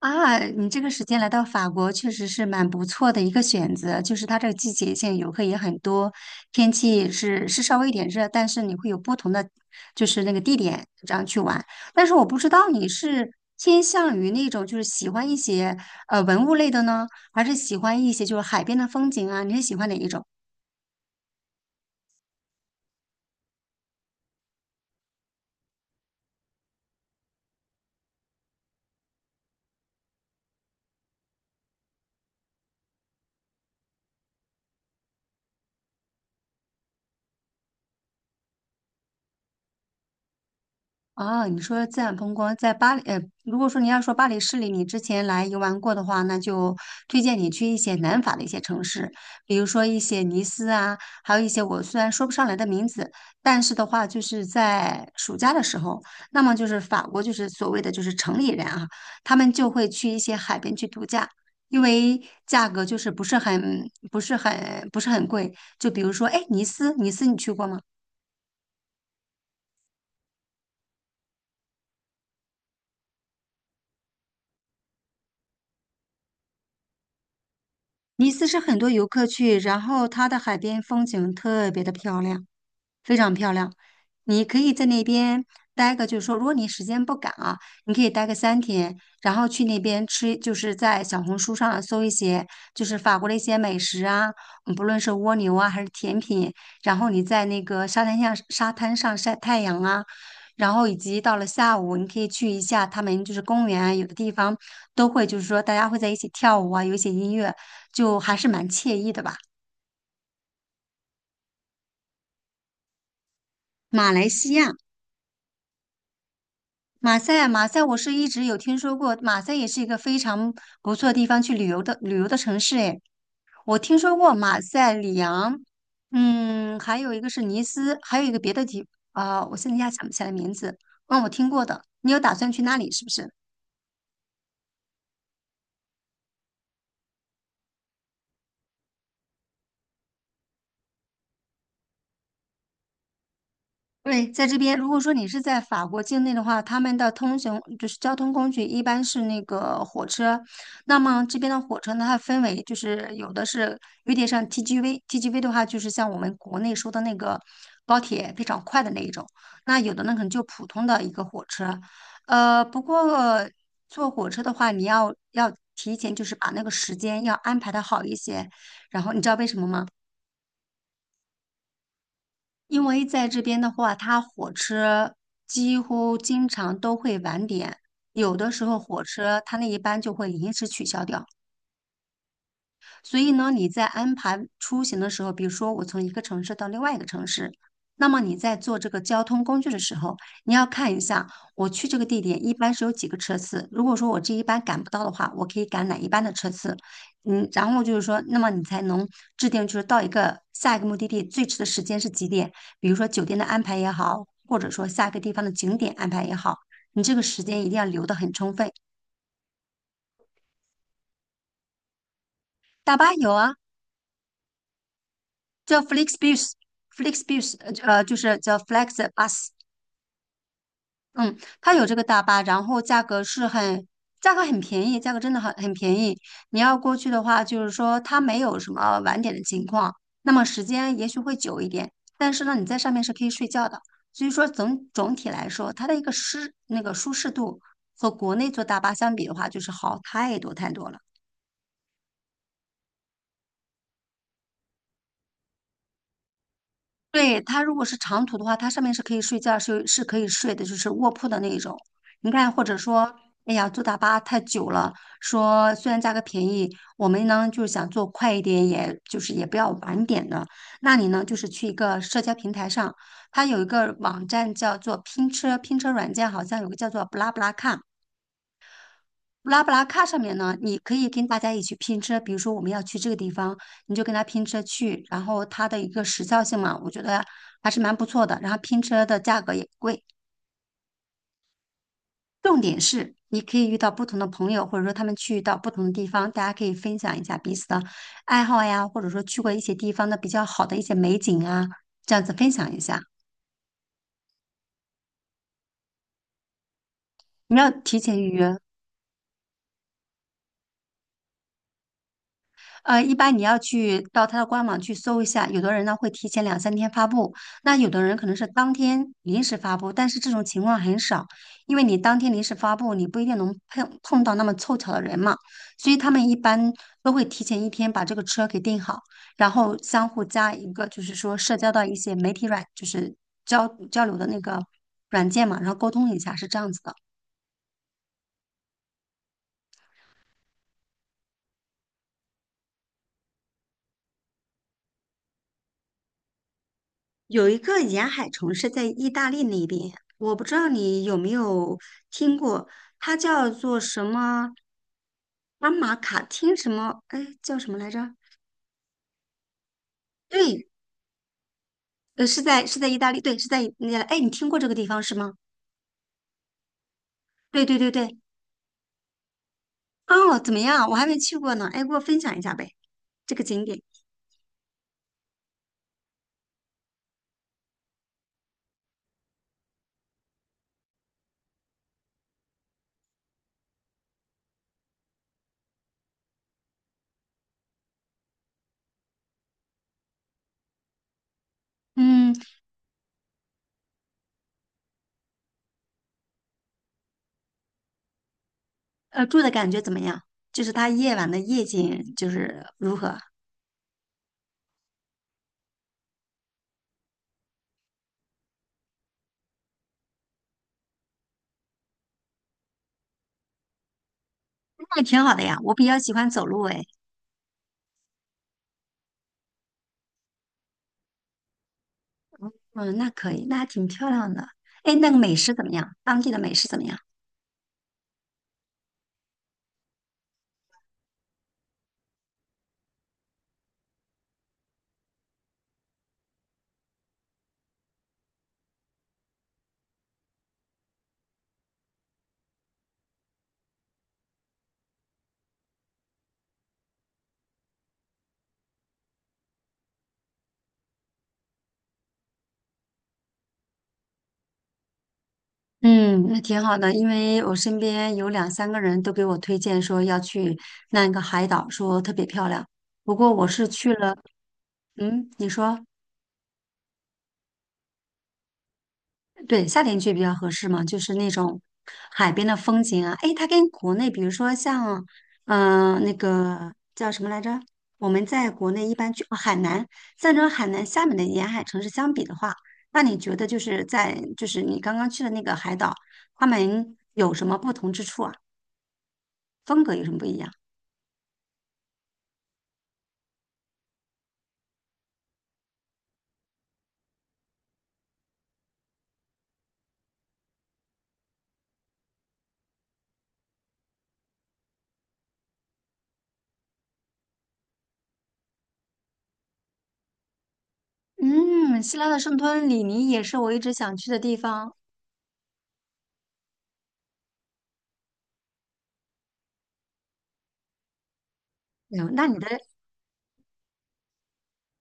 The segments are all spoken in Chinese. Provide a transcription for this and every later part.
啊，你这个时间来到法国确实是蛮不错的一个选择，就是它这个季节性游客也很多，天气是稍微有点热，但是你会有不同的就是那个地点这样去玩。但是我不知道你是偏向于那种就是喜欢一些文物类的呢，还是喜欢一些就是海边的风景啊？你是喜欢哪一种？啊，你说自然风光在巴黎，如果说你要说巴黎市里你之前来游玩过的话，那就推荐你去一些南法的一些城市，比如说一些尼斯啊，还有一些我虽然说不上来的名字，但是的话就是在暑假的时候，那么就是法国就是所谓的就是城里人啊，他们就会去一些海边去度假，因为价格就是不是很贵，就比如说哎，尼斯你去过吗？尼斯是很多游客去，然后它的海边风景特别的漂亮。非常漂亮。你可以在那边待个，就是说，如果你时间不赶啊，你可以待个三天，然后去那边吃，就是在小红书上搜一些，就是法国的一些美食啊，不论是蜗牛啊还是甜品，然后你在那个沙滩上晒太阳啊，然后以及到了下午，你可以去一下他们就是公园啊，有的地方都会就是说大家会在一起跳舞啊，有一些音乐，就还是蛮惬意的吧。马来西亚。马赛啊马赛，我是一直有听说过，马赛也是一个非常不错的地方去旅游的城市。诶，我听说过马赛、里昂，嗯，还有一个是尼斯，还有一个别的地啊、我现在一下想不起来名字。嗯，我听过的。你有打算去那里是不是？对，在这边，如果说你是在法国境内的话，他们的通行就是交通工具一般是那个火车。那么这边的火车呢，它分为就是有的是有点像 TGV，TGV 的话就是像我们国内说的那个高铁非常快的那一种。那有的呢可能就普通的一个火车。不过坐火车的话，你要提前就是把那个时间要安排的好一些。然后你知道为什么吗？因为在这边的话，它火车几乎经常都会晚点，有的时候火车它那一班就会临时取消掉。所以呢，你在安排出行的时候，比如说我从一个城市到另外一个城市，那么你在做这个交通工具的时候，你要看一下我去这个地点一般是有几个车次。如果说我这一班赶不到的话，我可以赶哪一班的车次？然后就是说，那么你才能制定就是到一个下一个目的地最迟的时间是几点？比如说酒店的安排也好，或者说下一个地方的景点安排也好，你这个时间一定要留得很充分。大巴有啊。叫 f l e x b u s Flexbus 就是叫 Flexbus，嗯，它有这个大巴，然后价格很便宜，价格真的很便宜。你要过去的话，就是说它没有什么晚点的情况，那么时间也许会久一点，但是呢，你在上面是可以睡觉的。所以说总体来说，它的一个那个舒适度和国内坐大巴相比的话，就是好太多太多了。对，它如果是长途的话，它上面是可以睡觉，是可以睡的，就是卧铺的那一种。你看，或者说，哎呀，坐大巴太久了，说虽然价格便宜，我们呢就是想坐快一点，也就是也不要晚点的。那你呢，就是去一个社交平台上，它有一个网站叫做拼车，拼车软件好像有个叫做布拉布拉看。布拉布拉卡上面呢，你可以跟大家一起拼车，比如说我们要去这个地方，你就跟他拼车去，然后它的一个时效性嘛，我觉得还是蛮不错的。然后拼车的价格也不贵，重点是你可以遇到不同的朋友，或者说他们去到不同的地方，大家可以分享一下彼此的爱好呀，或者说去过一些地方的比较好的一些美景啊，这样子分享一下。你要提前预约。一般你要去到他的官网去搜一下，有的人呢会提前2、3天发布，那有的人可能是当天临时发布，但是这种情况很少，因为你当天临时发布，你不一定能碰到那么凑巧的人嘛，所以他们一般都会提前一天把这个车给订好，然后相互加一个就是说社交到一些媒体软，就是交流的那个软件嘛，然后沟通一下，是这样子的。有一个沿海城市在意大利那边，我不知道你有没有听过，它叫做什么阿马卡汀什么？哎，叫什么来着？对，是在意大利，对，是在意那哎，你听过这个地方是吗？对对对对，哦，怎么样？我还没去过呢，哎，给我分享一下呗，这个景点。嗯，住的感觉怎么样？就是它夜晚的夜景就是如何？那也挺好的呀，我比较喜欢走路哎。嗯，那可以，那还挺漂亮的。哎，那个美食怎么样？当地的美食怎么样？嗯。那挺好的，因为我身边有两三个人都给我推荐说要去那个海岛，说特别漂亮。不过我是去了，嗯，你说。对，夏天去比较合适嘛，就是那种海边的风景啊。诶，它跟国内，比如说像，那个叫什么来着？我们在国内一般去海南，像这种海南、厦门的沿海城市相比的话，那你觉得就是在就是你刚刚去的那个海岛，他们有什么不同之处啊？风格有什么不一样？嗯，希腊的圣托里尼也是我一直想去的地方。哎呦那你的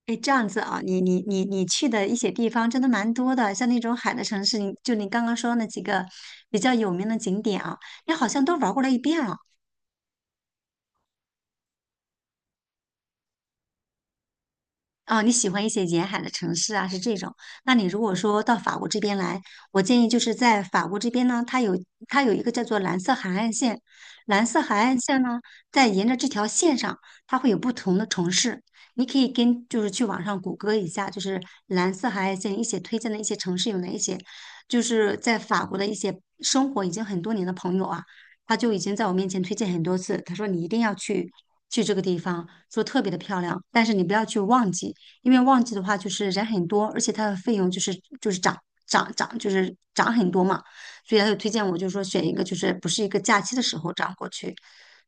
哎，这样子啊，你去的一些地方真的蛮多的，像那种海的城市，你刚刚说那几个比较有名的景点啊，你好像都玩过了一遍了。啊，你喜欢一些沿海的城市啊，是这种。那你如果说到法国这边来，我建议就是在法国这边呢，它有一个叫做蓝色海岸线，蓝色海岸线呢，在沿着这条线上，它会有不同的城市。你可以跟就是去网上谷歌一下，就是蓝色海岸线一些推荐的一些城市有哪一些，就是在法国的一些生活已经很多年的朋友啊，他就已经在我面前推荐很多次，他说你一定要去这个地方，说特别的漂亮，但是你不要去忘记。因为旺季的话就是人很多，而且它的费用就是涨，就是涨很多嘛，所以他就推荐我就是说选一个就是不是一个假期的时候这样过去。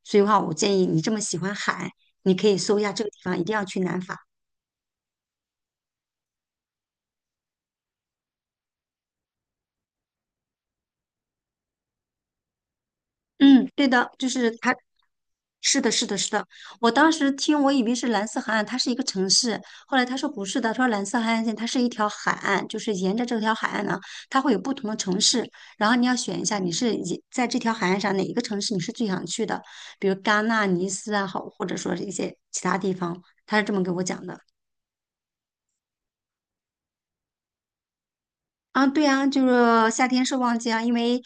所以的话，我建议你这么喜欢海，你可以搜一下这个地方，一定要去南法。嗯，对的，就是他，是的，是的，是的。我当时听，我以为是蓝色海岸，它是一个城市。后来他说不是的，他说蓝色海岸线它是一条海岸，就是沿着这条海岸呢，它会有不同的城市。然后你要选一下，你是以在这条海岸上哪一个城市你是最想去的，比如戛纳、尼斯啊，好，或者说是一些其他地方。他是这么给我讲的。啊，对啊，就是夏天是旺季啊，因为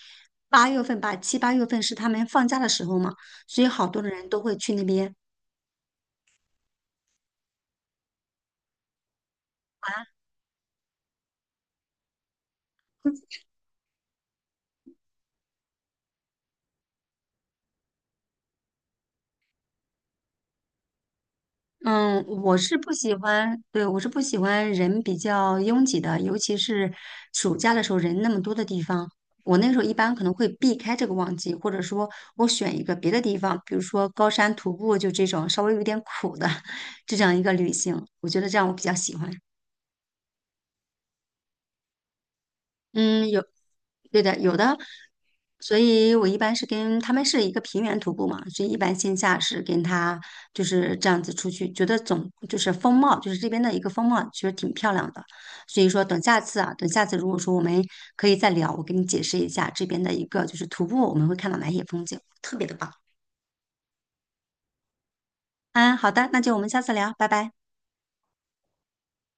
八月份吧，7、8月份是他们放假的时候嘛，所以好多的人都会去那边。啊。嗯，我是不喜欢，对，我是不喜欢人比较拥挤的，尤其是暑假的时候人那么多的地方。我那时候一般可能会避开这个旺季，或者说我选一个别的地方，比如说高山徒步，就这种稍微有点苦的 这样一个旅行，我觉得这样我比较喜欢。嗯，有，对的，有的，所以我一般是跟他们是一个平原徒步嘛，所以一般线下是跟他就是这样子出去，觉得总就是风貌，就是这边的一个风貌，其实挺漂亮的。所以说，等下次如果说我们可以再聊，我给你解释一下这边的一个就是徒步我们会看到哪些风景，特别的棒。嗯，好的，那就我们下次聊，拜拜。